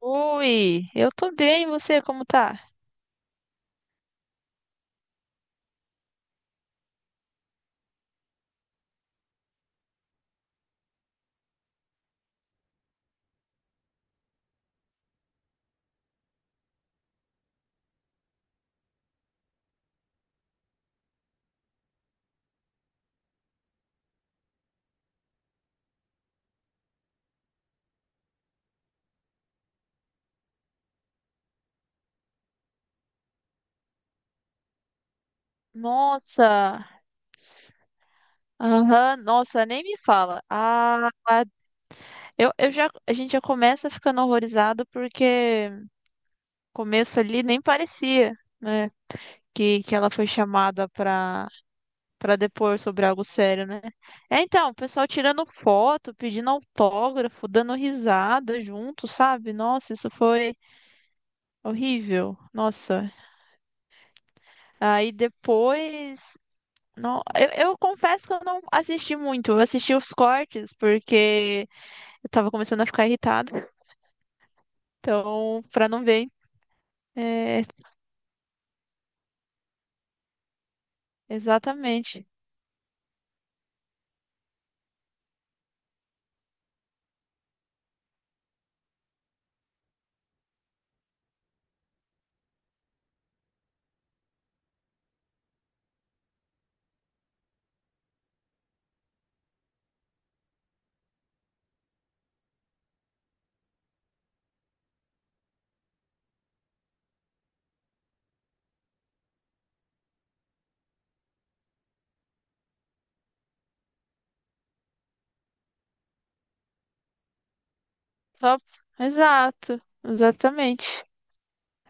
Oi, eu tô bem, e você como tá? Nossa, aham, nossa, nem me fala. Ah, eu já, a gente já começa ficando horrorizado porque começo ali nem parecia, né, que ela foi chamada pra depor sobre algo sério, né? É, então, o pessoal tirando foto, pedindo autógrafo, dando risada junto, sabe? Nossa, isso foi horrível, nossa. Aí depois. Não, eu confesso que eu não assisti muito. Eu assisti os cortes porque eu tava começando a ficar irritada. Então, pra não ver. É, exatamente. Só- Exato, exatamente.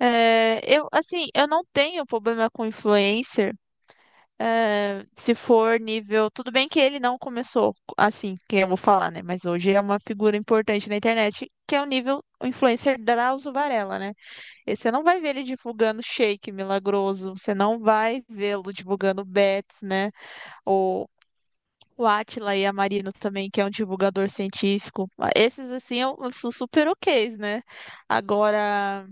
É, eu, assim, eu não tenho problema com influencer. É, se for nível. Tudo bem que ele não começou assim, que eu vou falar, né? Mas hoje é uma figura importante na internet, que é o nível influencer Drauzio Varella, né? E você não vai ver ele divulgando shake milagroso, você não vai vê-lo divulgando bets, né? Ou o Átila e a Marino também, que é um divulgador científico. Esses, assim, eu sou super ok's, né? Agora,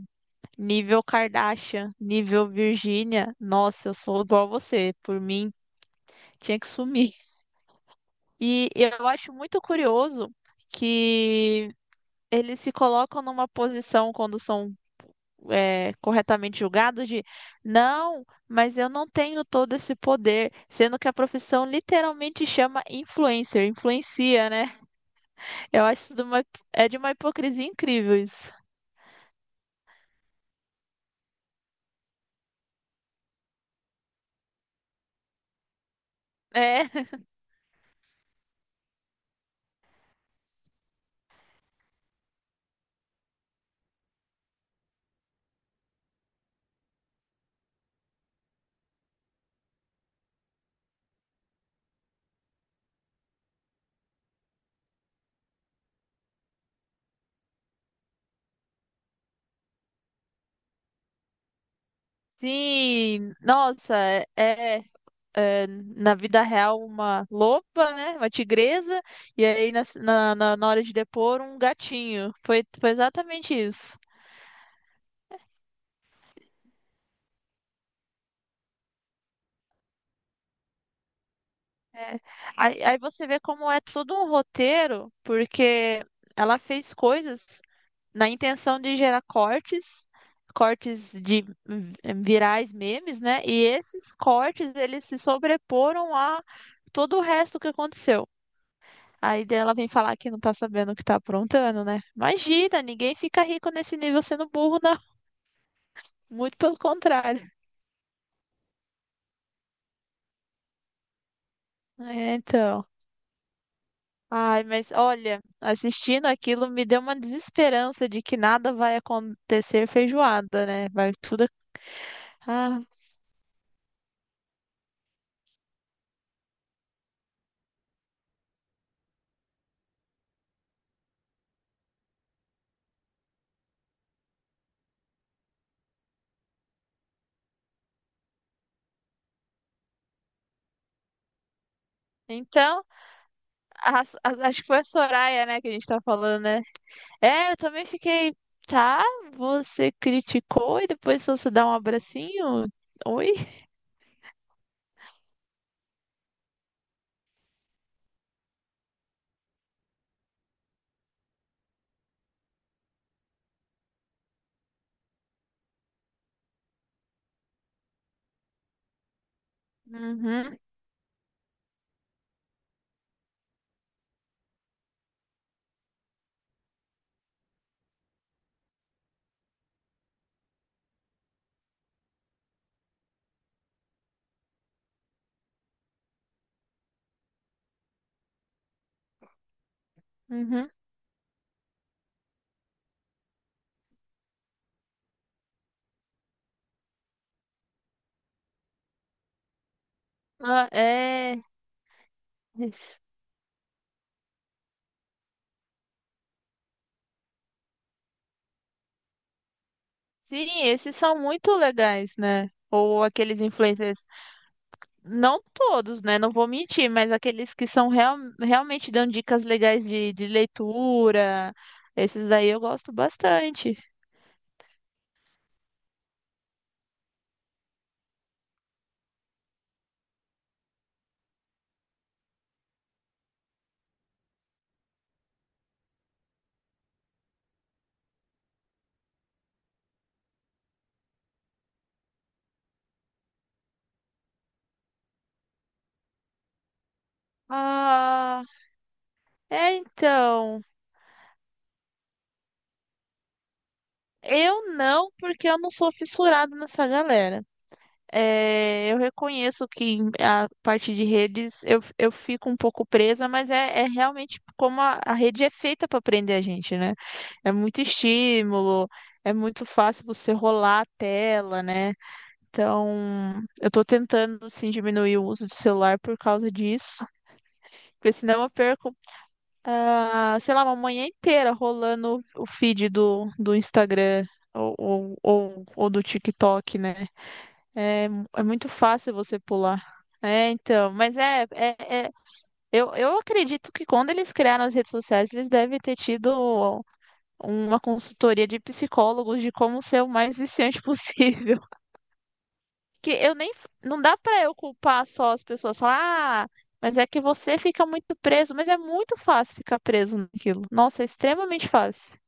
nível Kardashian, nível Virgínia, nossa, eu sou igual a você. Por mim, tinha que sumir. E eu acho muito curioso que eles se colocam numa posição quando são corretamente julgado de não, mas eu não tenho todo esse poder, sendo que a profissão literalmente chama influencer, influencia, né? Eu acho isso de uma, é de uma hipocrisia incrível isso. É, sim, nossa, é, é, na vida real uma loba, né? Uma tigresa, e aí na hora de depor um gatinho. Foi, foi exatamente isso. É. Aí você vê como é todo um roteiro, porque ela fez coisas na intenção de gerar cortes, cortes de hum, virais memes, né? E esses cortes, eles se sobreporam a todo o resto que aconteceu. Aí daí ela vem falar que não tá sabendo o que tá aprontando, né? Imagina, ninguém fica rico nesse nível sendo burro, não. Muito pelo contrário. É, então. Ai, mas olha, assistindo aquilo me deu uma desesperança de que nada vai acontecer feijoada, né? Vai tudo. Ah, então, acho que foi a Soraya, né, que a gente tá falando, né? É, eu também fiquei, tá? Você criticou e depois só você dá um abracinho? Oi? Uhum, uhum. Ah, é. Sim, esses são muito legais, né? Ou aqueles influencers. Não todos, né? Não vou mentir, mas aqueles que são real, realmente dão dicas legais de leitura, esses daí eu gosto bastante. Ah, é então. Eu não, porque eu não sou fissurada nessa galera. É, eu reconheço que a parte de redes eu fico um pouco presa, mas é, é realmente como a rede é feita para prender a gente, né? É muito estímulo, é muito fácil você rolar a tela, né? Então, eu tô tentando, assim, diminuir o uso de celular por causa disso, porque senão eu perco, ah, sei lá, uma manhã inteira rolando o feed do Instagram ou do TikTok, né? É, é muito fácil você pular. É, então, mas é, é, é- eu acredito que quando eles criaram as redes sociais, eles devem ter tido uma consultoria de psicólogos de como ser o mais viciante possível. Que eu nem. Não dá pra eu culpar só as pessoas, falar, ah, mas é que você fica muito preso. Mas é muito fácil ficar preso naquilo. Nossa, é extremamente fácil.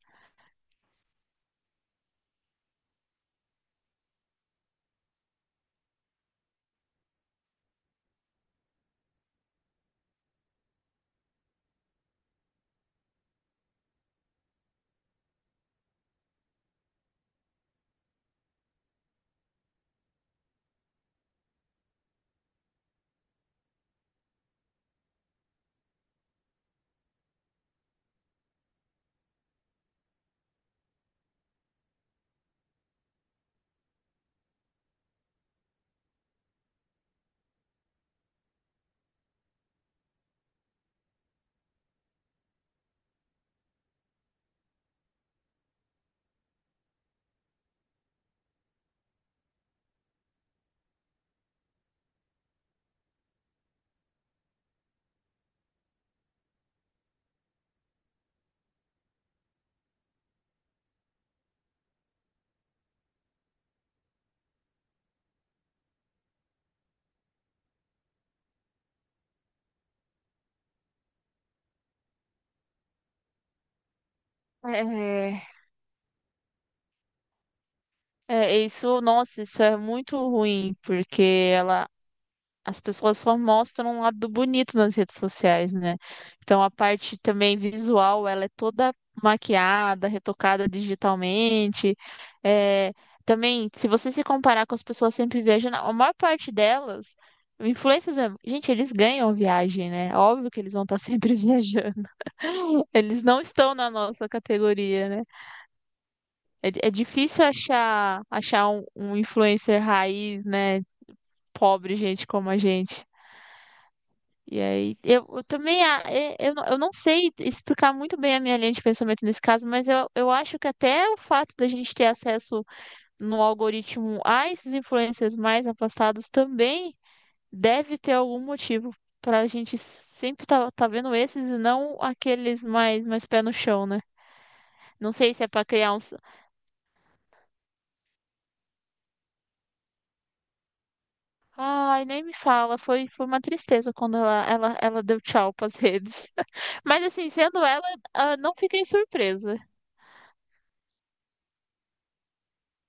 É, é, isso, nossa, isso é muito ruim, porque ela, as pessoas só mostram um lado bonito nas redes sociais, né? Então a parte também visual, ela é toda maquiada, retocada digitalmente. É, também, se você se comparar com as pessoas sempre viajando, a maior parte delas, influencers mesmo, gente, eles ganham viagem, né? Óbvio que eles vão estar sempre viajando. Eles não estão na nossa categoria, né? É, é difícil achar um, um influencer raiz, né? Pobre gente como a gente. E aí, eu também, eu não sei explicar muito bem a minha linha de pensamento nesse caso, mas eu acho que até o fato da gente ter acesso no algoritmo a esses influencers mais afastados também deve ter algum motivo para a gente sempre tá vendo esses e não aqueles mais pé no chão, né? Não sei se é para criar uns. Ai, nem me fala, foi, foi uma tristeza quando ela deu tchau pras redes. Mas assim, sendo ela, ah, não fiquei surpresa.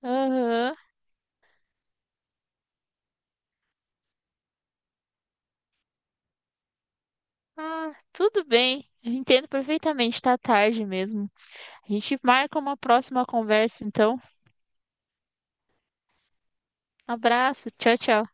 Aham. Ah, tudo bem. Eu entendo perfeitamente. Tá tarde mesmo. A gente marca uma próxima conversa, então. Abraço. Tchau, tchau.